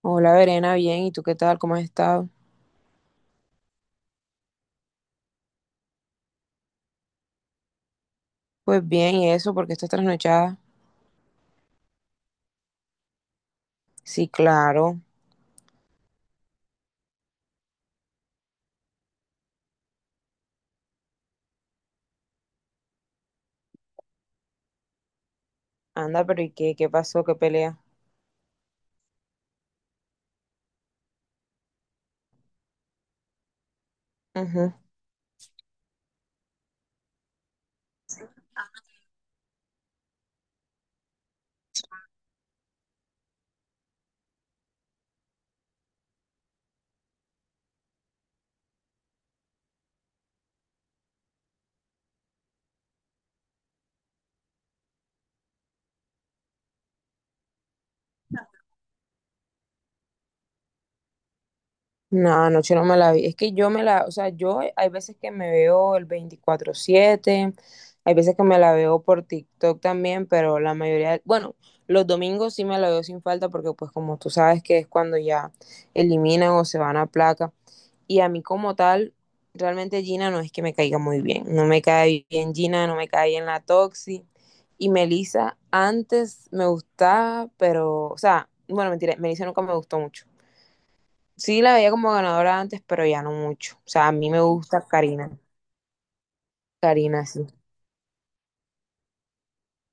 Hola, Verena, bien. ¿Y tú qué tal? ¿Cómo has estado? Pues bien, ¿y eso? Porque estás trasnochada? Sí, claro. Anda, pero ¿y qué? ¿Qué pasó? ¿Qué pelea? No, anoche no me la vi. Es que yo me la, o sea, yo hay veces que me veo el 24/7, hay veces que me la veo por TikTok también, pero la mayoría, bueno, los domingos sí me la veo sin falta porque pues como tú sabes que es cuando ya eliminan o se van a placa. Y a mí como tal, realmente Gina no es que me caiga muy bien. No me cae bien Gina, no me cae bien la Toxi. Y Melissa antes me gustaba, pero, o sea, bueno, mentira, Melissa nunca me gustó mucho. Sí, la veía como ganadora antes, pero ya no mucho. O sea, a mí me gusta Karina. Karina, sí.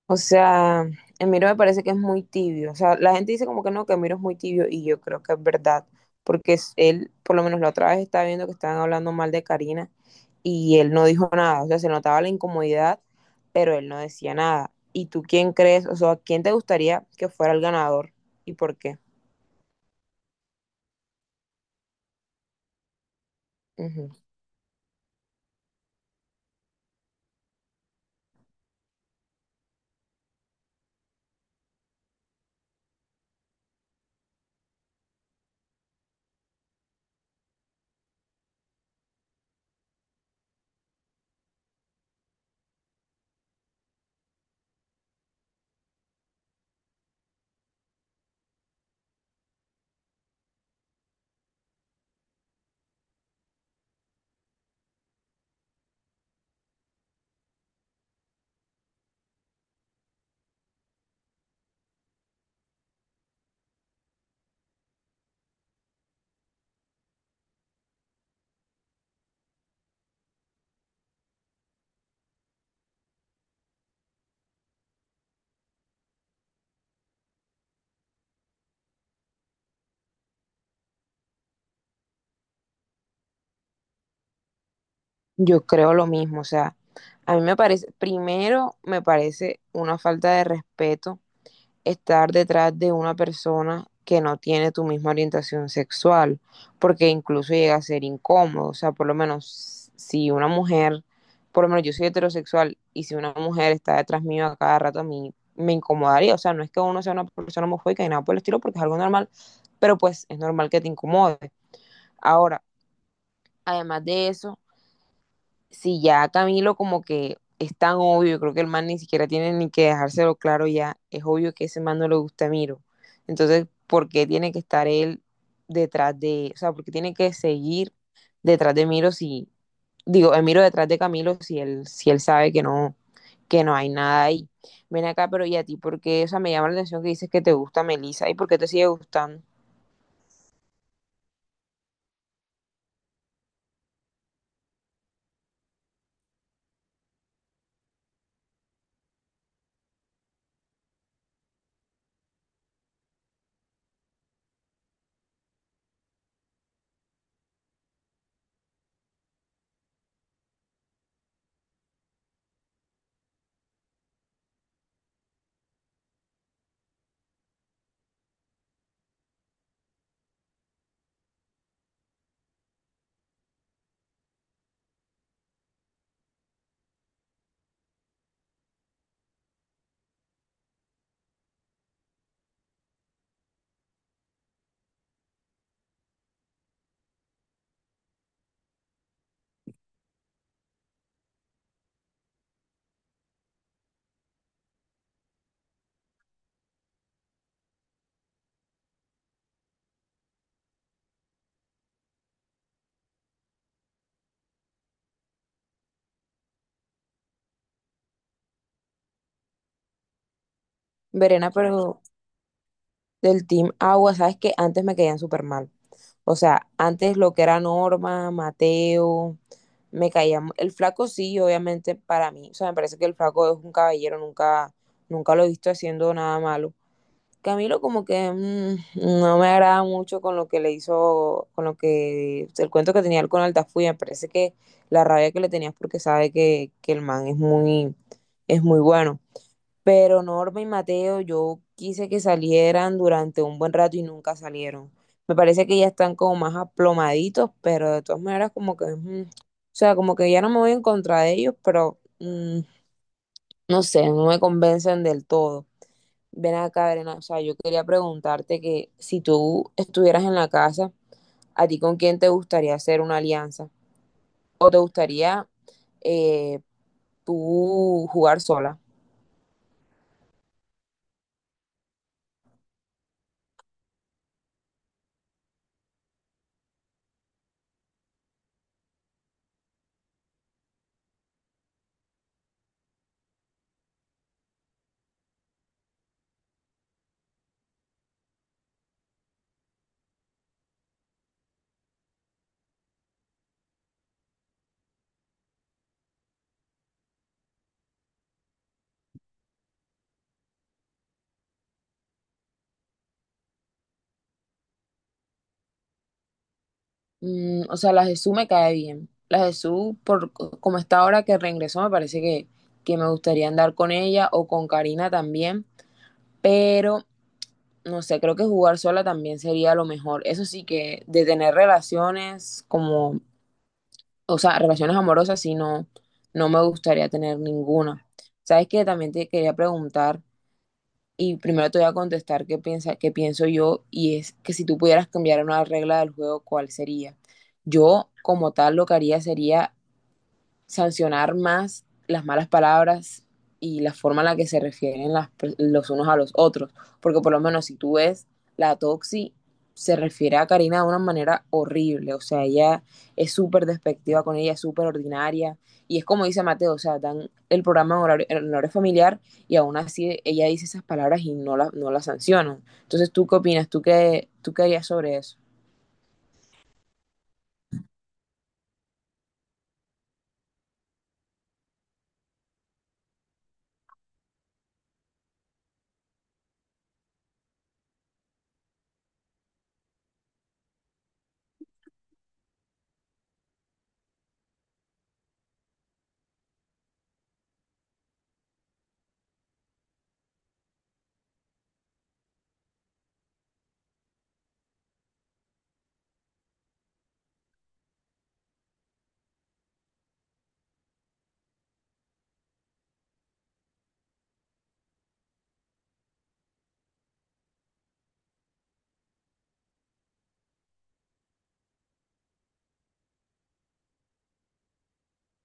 O sea, Emiro me parece que es muy tibio. O sea, la gente dice como que no, que Emiro es muy tibio y yo creo que es verdad. Porque él, por lo menos la otra vez estaba viendo que estaban hablando mal de Karina y él no dijo nada. O sea, se notaba la incomodidad, pero él no decía nada. ¿Y tú quién crees? O sea, ¿quién te gustaría que fuera el ganador y por qué? Ujú. Yo creo lo mismo, o sea, a mí me parece, primero me parece una falta de respeto estar detrás de una persona que no tiene tu misma orientación sexual, porque incluso llega a ser incómodo, o sea, por lo menos si una mujer, por lo menos yo soy heterosexual y si una mujer está detrás mío a cada rato a mí me incomodaría, o sea, no es que uno sea una persona homofóbica ni nada por el estilo, porque es algo normal, pero pues es normal que te incomode. Ahora, además de eso, si ya Camilo como que es tan obvio, creo que el man ni siquiera tiene ni que dejárselo claro ya, es obvio que ese man no le gusta a Miro. Entonces, ¿por qué tiene que estar él detrás de, o sea, por qué tiene que seguir detrás de Miro si, digo, Miro detrás de Camilo si él, si él sabe que no hay nada ahí? Ven acá, pero ¿y a ti por qué? O sea, me llama la atención que dices que te gusta Melissa y por qué te sigue gustando. Verena, pero del Team Agua, sabes que antes me caían súper mal. O sea, antes lo que era Norma, Mateo, me caía. El flaco sí, obviamente, para mí. O sea, me parece que el flaco es un caballero, nunca lo he visto haciendo nada malo. Camilo como que no me agrada mucho con lo que le hizo, con lo que, el cuento que tenía él con Altafulla, me parece que la rabia que le tenías porque sabe que el man es muy bueno. Pero Norma y Mateo, yo quise que salieran durante un buen rato y nunca salieron. Me parece que ya están como más aplomaditos, pero de todas maneras como que, o sea, como que ya no me voy en contra de ellos, pero no sé, no me convencen del todo. Ven acá, Verena, o sea, yo quería preguntarte que si tú estuvieras en la casa, ¿a ti con quién te gustaría hacer una alianza? ¿O te gustaría eh, tú jugar sola? Mm, o sea, la Jesús me cae bien. La Jesús, como está ahora que reingresó, me parece que me gustaría andar con ella o con Karina también. Pero, no sé, creo que jugar sola también sería lo mejor. Eso sí que de tener relaciones como, o sea, relaciones amorosas, sí, no, no me gustaría tener ninguna. ¿Sabes qué? También te quería preguntar y primero te voy a contestar qué piensa, qué pienso yo, y es que si tú pudieras cambiar una regla del juego, ¿cuál sería? Yo, como tal, lo que haría sería sancionar más las malas palabras y la forma en la que se refieren los unos a los otros. Porque por lo menos si tú ves la Toxi, se refiere a Karina de una manera horrible. O sea, ella es súper despectiva con ella, es súper ordinaria. Y es como dice Mateo, o sea, dan el programa en horario familiar y aún así ella dice esas palabras y no la sancionan. Entonces, ¿tú qué opinas? ¿Tú qué harías sobre eso?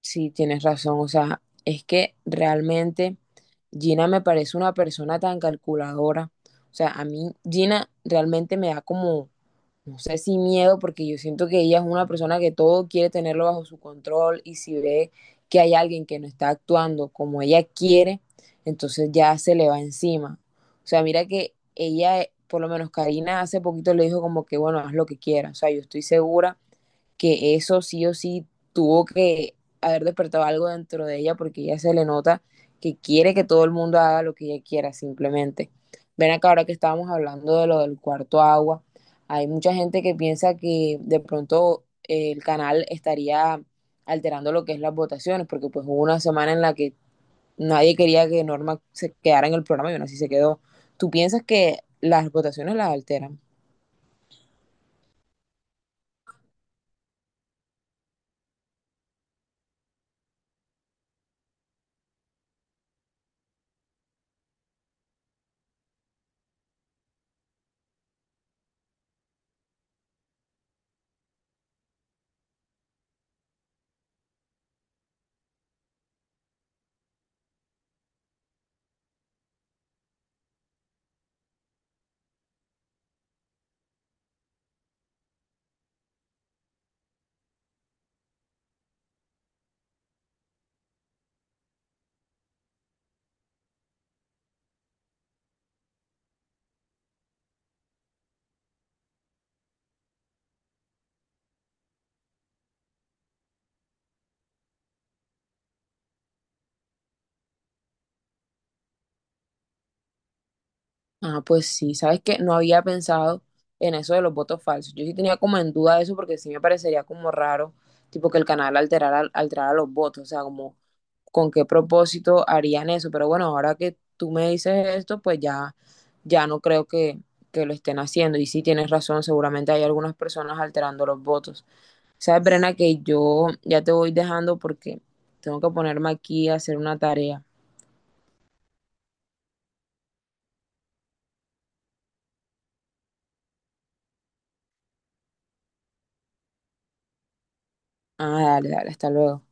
Sí, tienes razón. O sea, es que realmente Gina me parece una persona tan calculadora. O sea, a mí Gina realmente me da como, no sé si miedo, porque yo siento que ella es una persona que todo quiere tenerlo bajo su control y si ve que hay alguien que no está actuando como ella quiere, entonces ya se le va encima. O sea, mira que ella, por lo menos Karina hace poquito le dijo como que, bueno, haz lo que quieras. O sea, yo estoy segura que eso sí o sí tuvo que haber despertado algo dentro de ella porque ella se le nota que quiere que todo el mundo haga lo que ella quiera simplemente. Ven acá ahora que estábamos hablando de lo del cuarto agua, hay mucha gente que piensa que de pronto el canal estaría alterando lo que es las votaciones, porque pues hubo una semana en la que nadie quería que Norma se quedara en el programa y aún así se quedó. ¿Tú piensas que las votaciones las alteran? Ah, pues sí, sabes que no había pensado en eso de los votos falsos. Yo sí tenía como en duda eso porque sí me parecería como raro, tipo que el canal alterara los votos, o sea, como con qué propósito harían eso. Pero bueno, ahora que tú me dices esto, pues ya no creo que lo estén haciendo. Y sí tienes razón, seguramente hay algunas personas alterando los votos. Sabes, Brena, que yo ya te voy dejando porque tengo que ponerme aquí a hacer una tarea. Ah, dale, dale, hasta luego.